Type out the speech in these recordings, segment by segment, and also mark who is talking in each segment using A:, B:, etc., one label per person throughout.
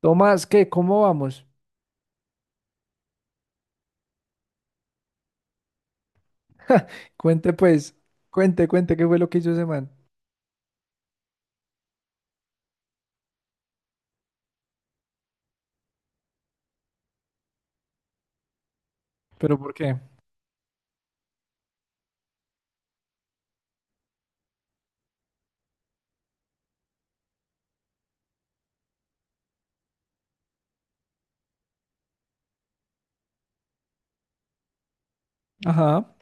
A: Tomás, ¿qué? ¿Cómo vamos? Cuente pues, cuente, cuente qué fue lo que hizo ese man. ¿Pero por qué? Ajá,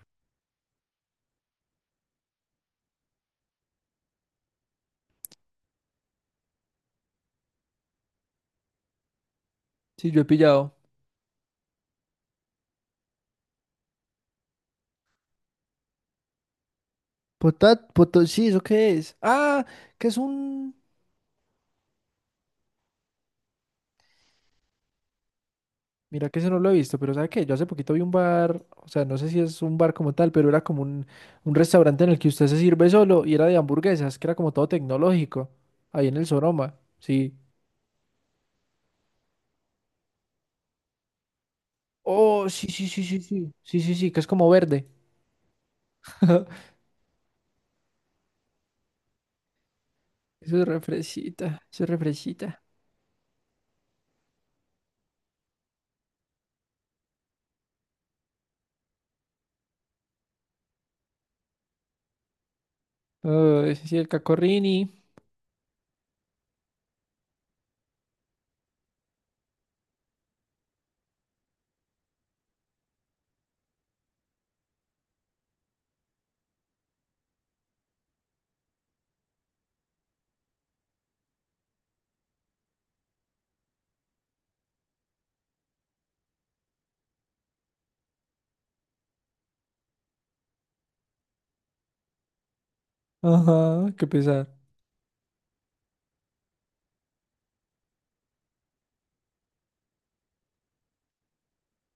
A: sí, yo he pillado. Potat, poto, sí, ¿eso qué es? Ah, que es un... Mira que ese no lo he visto, pero ¿sabe qué? Yo hace poquito vi un bar, o sea, no sé si es un bar como tal, pero era como un restaurante en el que usted se sirve solo y era de hamburguesas, que era como todo tecnológico, ahí en el Soroma, sí. Oh, sí, sí, sí, sí, sí, sí, sí, sí, que es como verde. Eso es refresita, eso es refresita. Uy, sí, el Cacorrini. Ajá, qué pesar.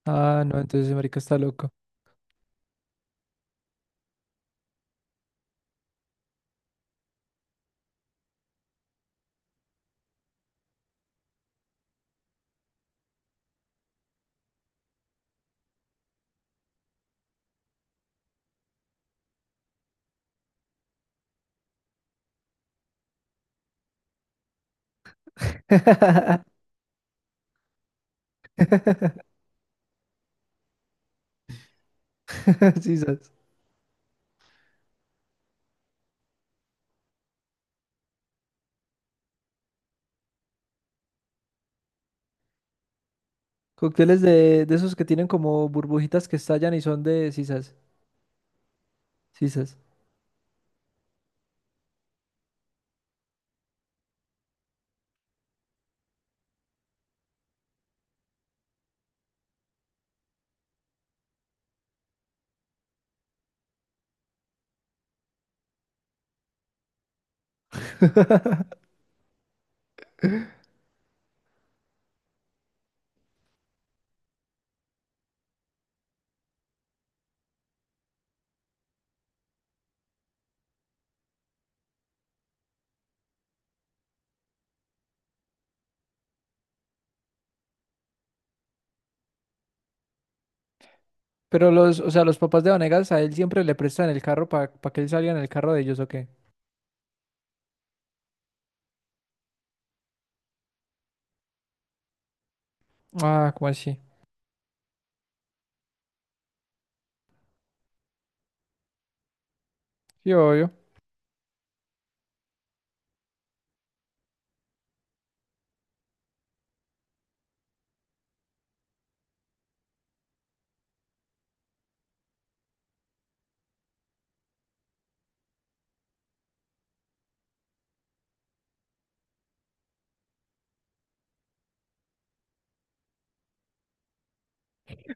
A: Ah, no, entonces ese marica está loco. Sisas. Cócteles de esos que tienen como burbujitas que estallan y son de sisas. Sisas. Pero los, o sea, los papás de Vanegas a él siempre le prestan el carro para que él salga en el carro de ellos, ¿o qué? Ah, ¿cómo así? Sí, obvio.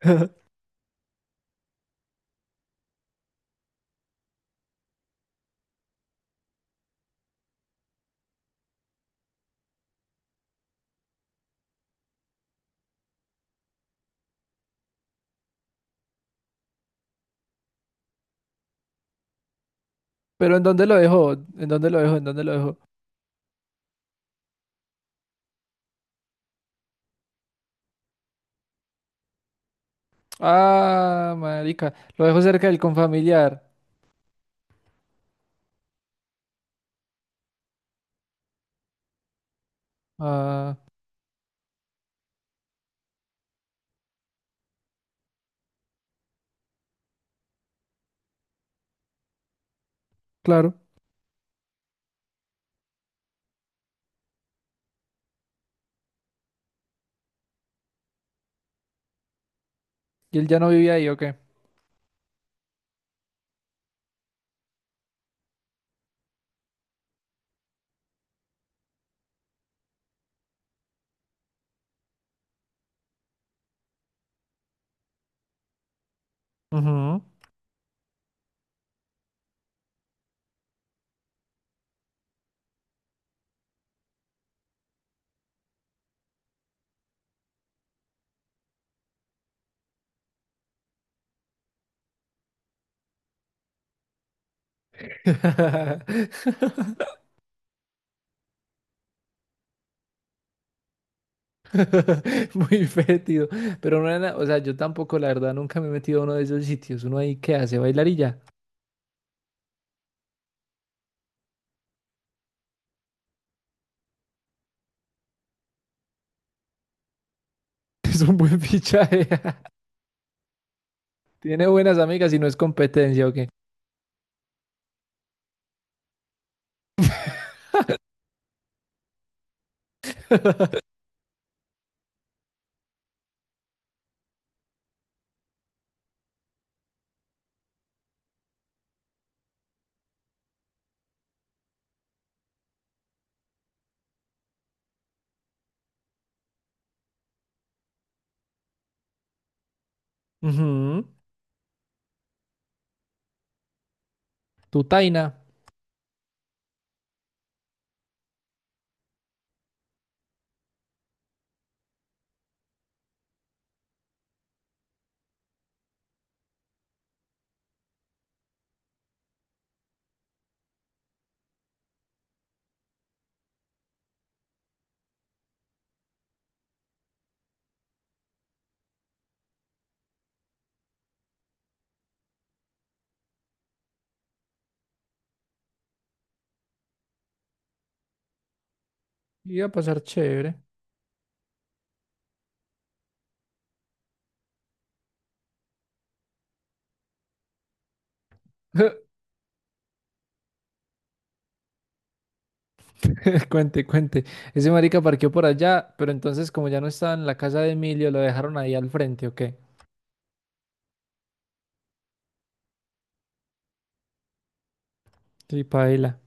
A: Pero ¿en dónde lo dejó? ¿En dónde lo dejó? ¿En dónde lo dejó? Ah, marica. Lo dejó cerca del confamiliar. Ah, claro. ¿Y él ya no vivía ahí, ¿o qué? Ujú. Muy fétido. Pero no era, o sea, yo tampoco, la verdad, nunca me he metido a uno de esos sitios. Uno ahí que hace bailar y ya. Es un buen fichaje. Tiene buenas amigas y no es competencia, ¿o qué? Ujú. Tu Taina. Iba a pasar chévere. Cuente, cuente. Ese marica parqueó por allá, pero entonces, como ya no estaba en la casa de Emilio, lo dejaron ahí al frente, ¿o qué? Sí, paila.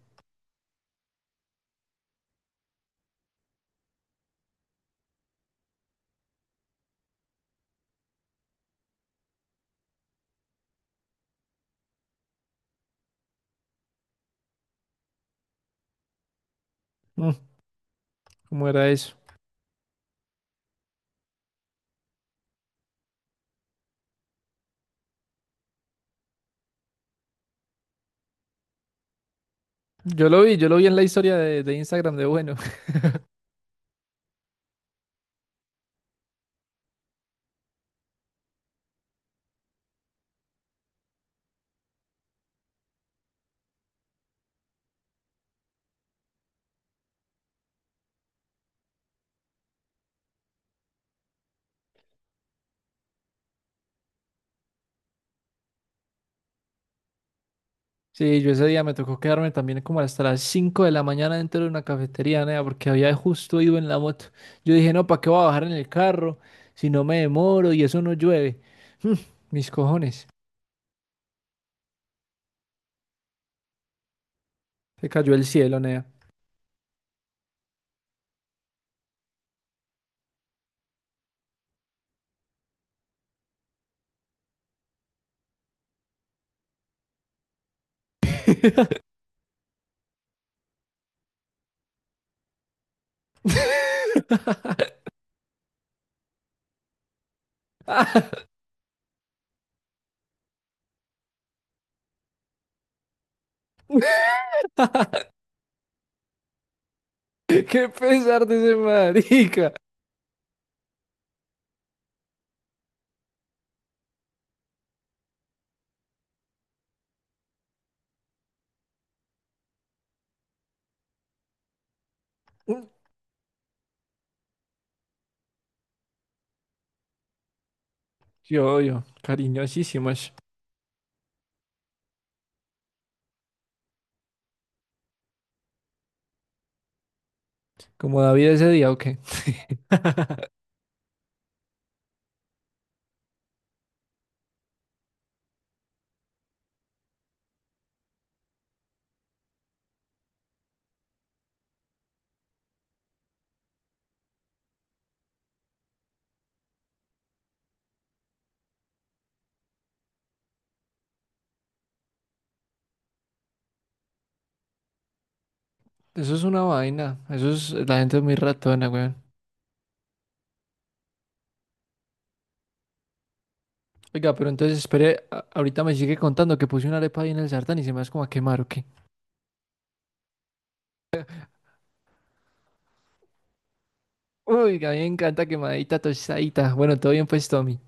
A: Mm, ¿cómo era eso? Yo lo vi en la historia de Instagram de bueno. Sí, yo ese día me tocó quedarme también como hasta las 5 de la mañana dentro de una cafetería, nea, porque había justo ido en la moto. Yo dije, no, ¿para qué voy a bajar en el carro si no me demoro y eso no llueve? Mm, mis cojones. Se cayó el cielo, nea. Qué pesar de ese marica. Yo, cariñosísimas. Como David ese día, ¿o qué? Eso es una vaina. Eso es, la gente es muy ratona. Oiga, pero entonces espere, ahorita me sigue contando que puse una arepa ahí en el sartén y se me hace como a quemar, ¿o qué? Uy, a mí me encanta quemadita, tostadita. Bueno, todo bien pues, Tommy.